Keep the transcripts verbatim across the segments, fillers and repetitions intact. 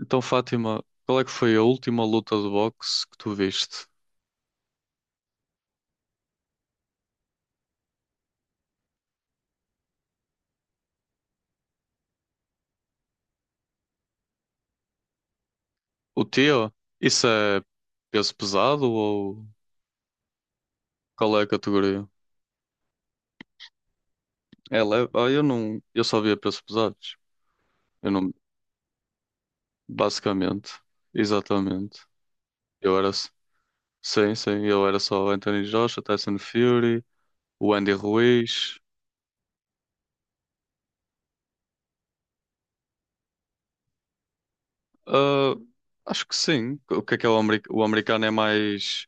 Então, Fátima, qual é que foi a última luta de boxe que tu viste? O teu? Isso é peso pesado ou qual é a categoria? É leve? Ah, eu não, eu só via pesos pesados. Eu não, basicamente, exatamente. Eu era, s- sim, sim, eu era só Anthony Joshua, Tyson Fury, o Andy Ruiz. Ah, acho que sim. O que é que é o, ameri- O americano é mais,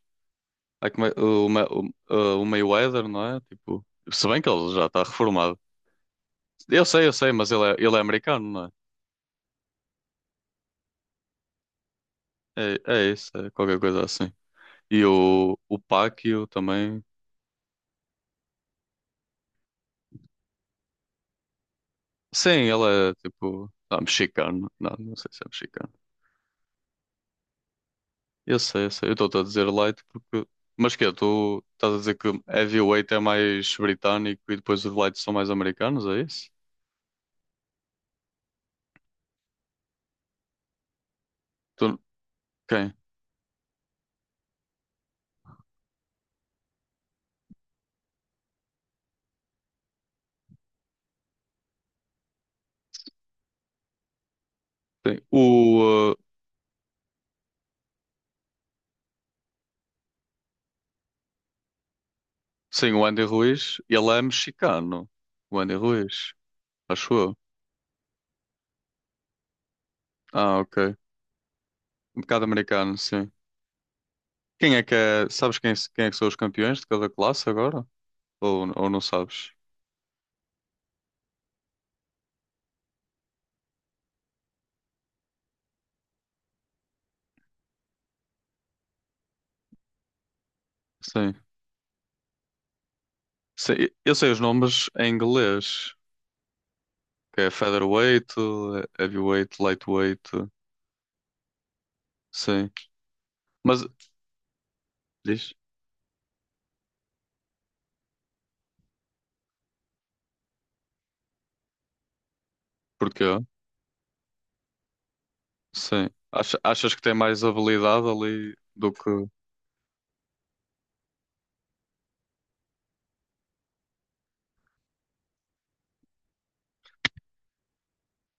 é que me- o, Ma- o, ah, o Mayweather, não é? Tipo, se bem que ele já está reformado. Eu sei, eu sei, mas ele é, ele é americano, não é? É, é isso, é qualquer coisa assim. E o, o Pacquiao também. Sim, ele é tipo. Ah, mexicano. Não, não sei se é mexicano. Eu sei, eu sei. Eu estou a dizer light porque. Mas que tu estás a dizer que heavyweight é mais britânico e depois os lights são mais americanos, é isso? Tu... Quem? Sim. O, uh, sim, o Andy Ruiz, ele é mexicano. O Andy Ruiz, acho eu. Ah, ok. Um bocado americano, sim. Quem é que é? Sabes quem, é, quem é que são os campeões de cada classe agora? Ou, ou não sabes? Sim. Sei- eu sei os nomes em inglês, que é featherweight, é heavyweight, lightweight. Sim. Mas diz, porquê? Sim. Acha- achas que tem mais habilidade ali do que.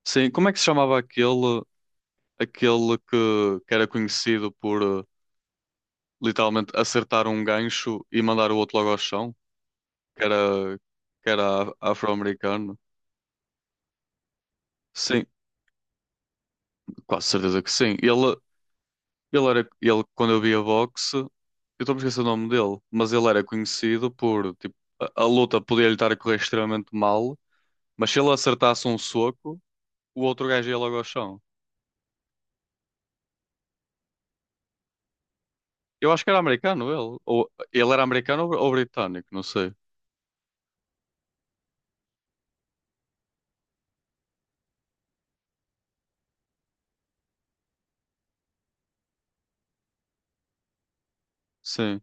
Sim, como é que se chamava aquele, aquele que, que era conhecido por eh, literalmente acertar um gancho e mandar o outro logo ao chão? Que era, que era af- afro-americano. Sim, quase certeza que sim. Ele, ele era, ele, quando eu via boxe, eu estou a esquecer o nome dele, mas ele era conhecido por, tipo, a, a luta podia lhe estar a correr extremamente mal, mas se ele acertasse um soco, o outro gajo ia logo ao chão. Eu acho que era americano ele, ou ele era americano ou, ou britânico, não sei. Sim,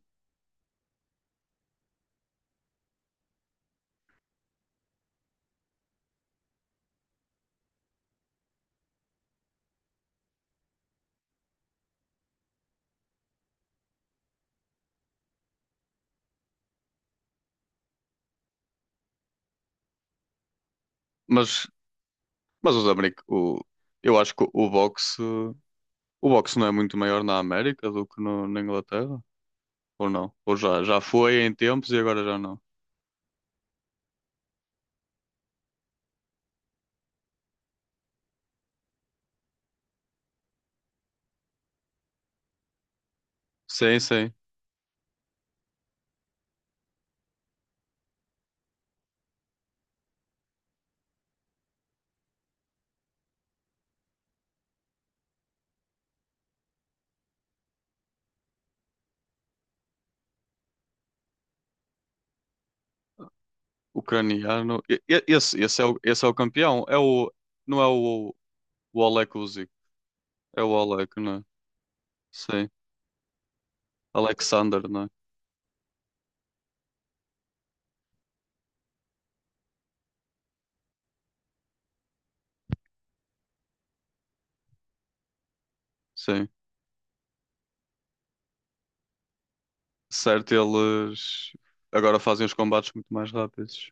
mas, mas os americ o, eu acho que o, o boxe, o boxe não é muito maior na América do que no- na Inglaterra, ou não? Ou já, já foi em tempos e agora já não. Sim, sim. Ucraniano. E- e- Esse, esse, é o, esse é o campeão. É o, não é o, o Oleg Usyk. É o Oleg, não é? Sim. Alexander, não é? Sim. Certo, eles agora fazem os combates muito mais rápidos.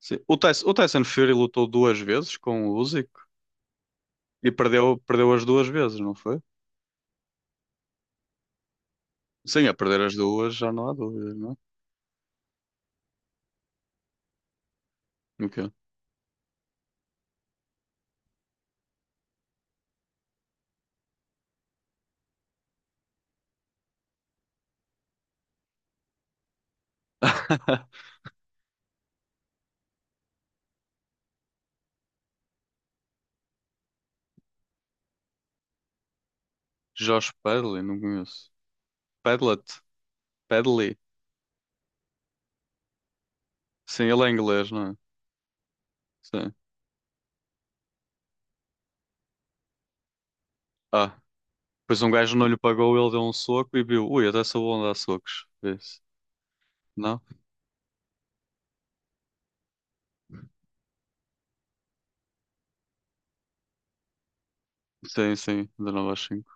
Sim. O Tyson, o Tyson Fury lutou duas vezes com o Usyk e perdeu, perdeu as duas vezes, não foi? Sim, a perder as duas já não há dúvidas, não é? O quê? Josh Pedley, não conheço. Pedlet, Pedley. Sim, ele é inglês, não é? Sim. Ah, pois um gajo não lhe pagou, ele deu um soco e viu, ui, até sou bom a dar socos. Vê-se. Não? Sim, sim, de nove às cinco.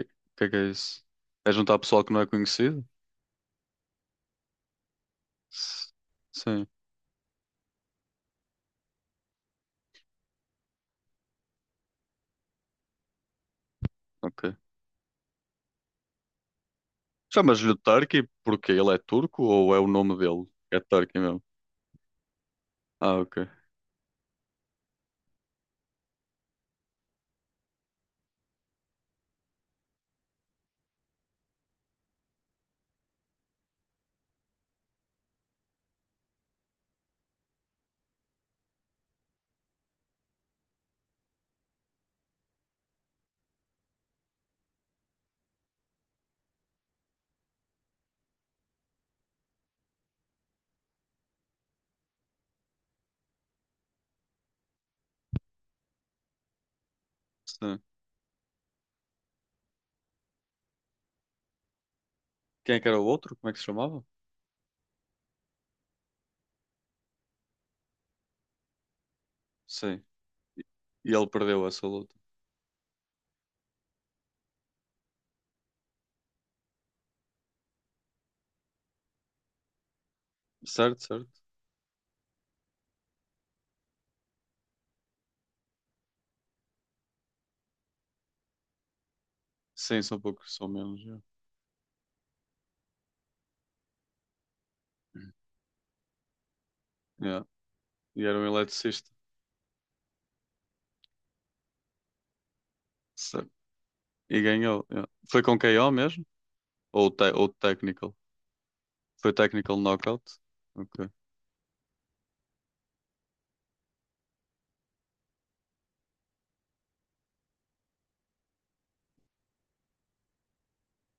O que que é que é isso? É juntar pessoal que não é conhecido? S- Sim, ok. Chamas-lhe Turkey porque ele é turco ou é o nome dele? É Turkey mesmo. Ah, ok. Sim. Quem é que era o outro? Como é que se chamava? Sim. E e ele perdeu essa luta. Certo, certo. Sim, são poucos, são menos. Yeah. Yeah. E era um eletricista. Certo. E ganhou, yeah. Foi com K O mesmo? Ou, te- ou technical. Foi technical knockout? Ok.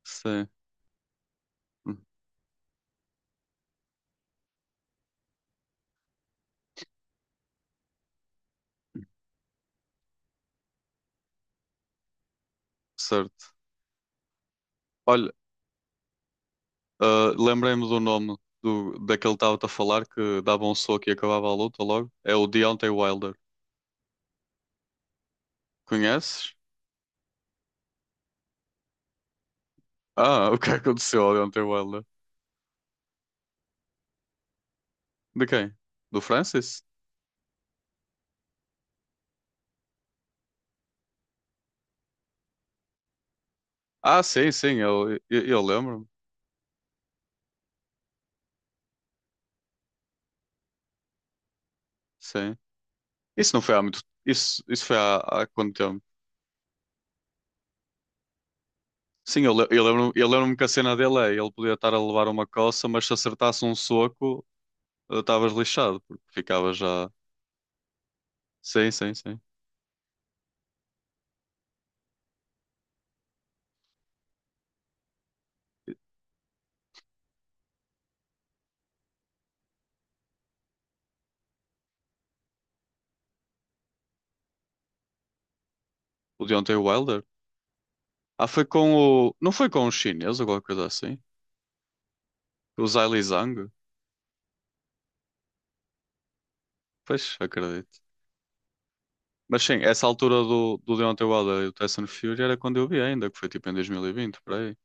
Sim. Hum, certo. Olha, ah, lembrei-me do nome do, daquele que estava-te a falar que dava um soco e acabava a luta logo. É o Deontay Wilder. Conheces? Ah, o que é que aconteceu ao Deontay Wilder? De quem? Do Francis? Ah, sim, sim, eu, eu, eu lembro-me. Sim. Isso não foi há muito. Isso, isso foi há, há quanto tempo? Sim, eu, le- eu lembro-me, eu lembro-me que a cena dele é: ele podia estar a levar uma coça, mas se acertasse um soco, estavas lixado, porque ficava já. Sim, sim, sim. O Deontay Wilder. Ah, foi com o. Não foi com o chinês ou qualquer coisa assim? O Zhai Li Zhang? Pois, acredito. Mas sim, essa altura do, do Deontay Wilder e do Tyson Fury era quando eu vi ainda, que foi tipo em dois mil e vinte, por aí.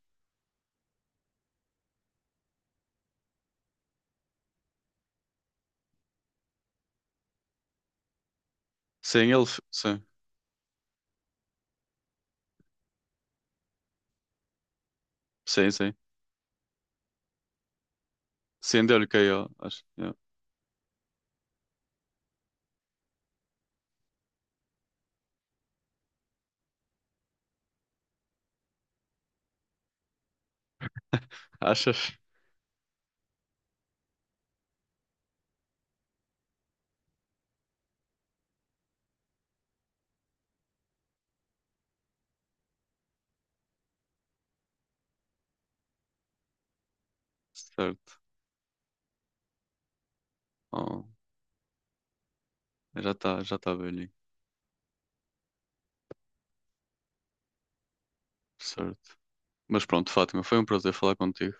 Sim, ele. f- Sim, sim, sim. Sim, deu-lhe K O, acho, yeah. Achas? Certo. Oh, já está, já tá velhinho. Certo. Mas pronto, Fátima, foi um prazer falar contigo.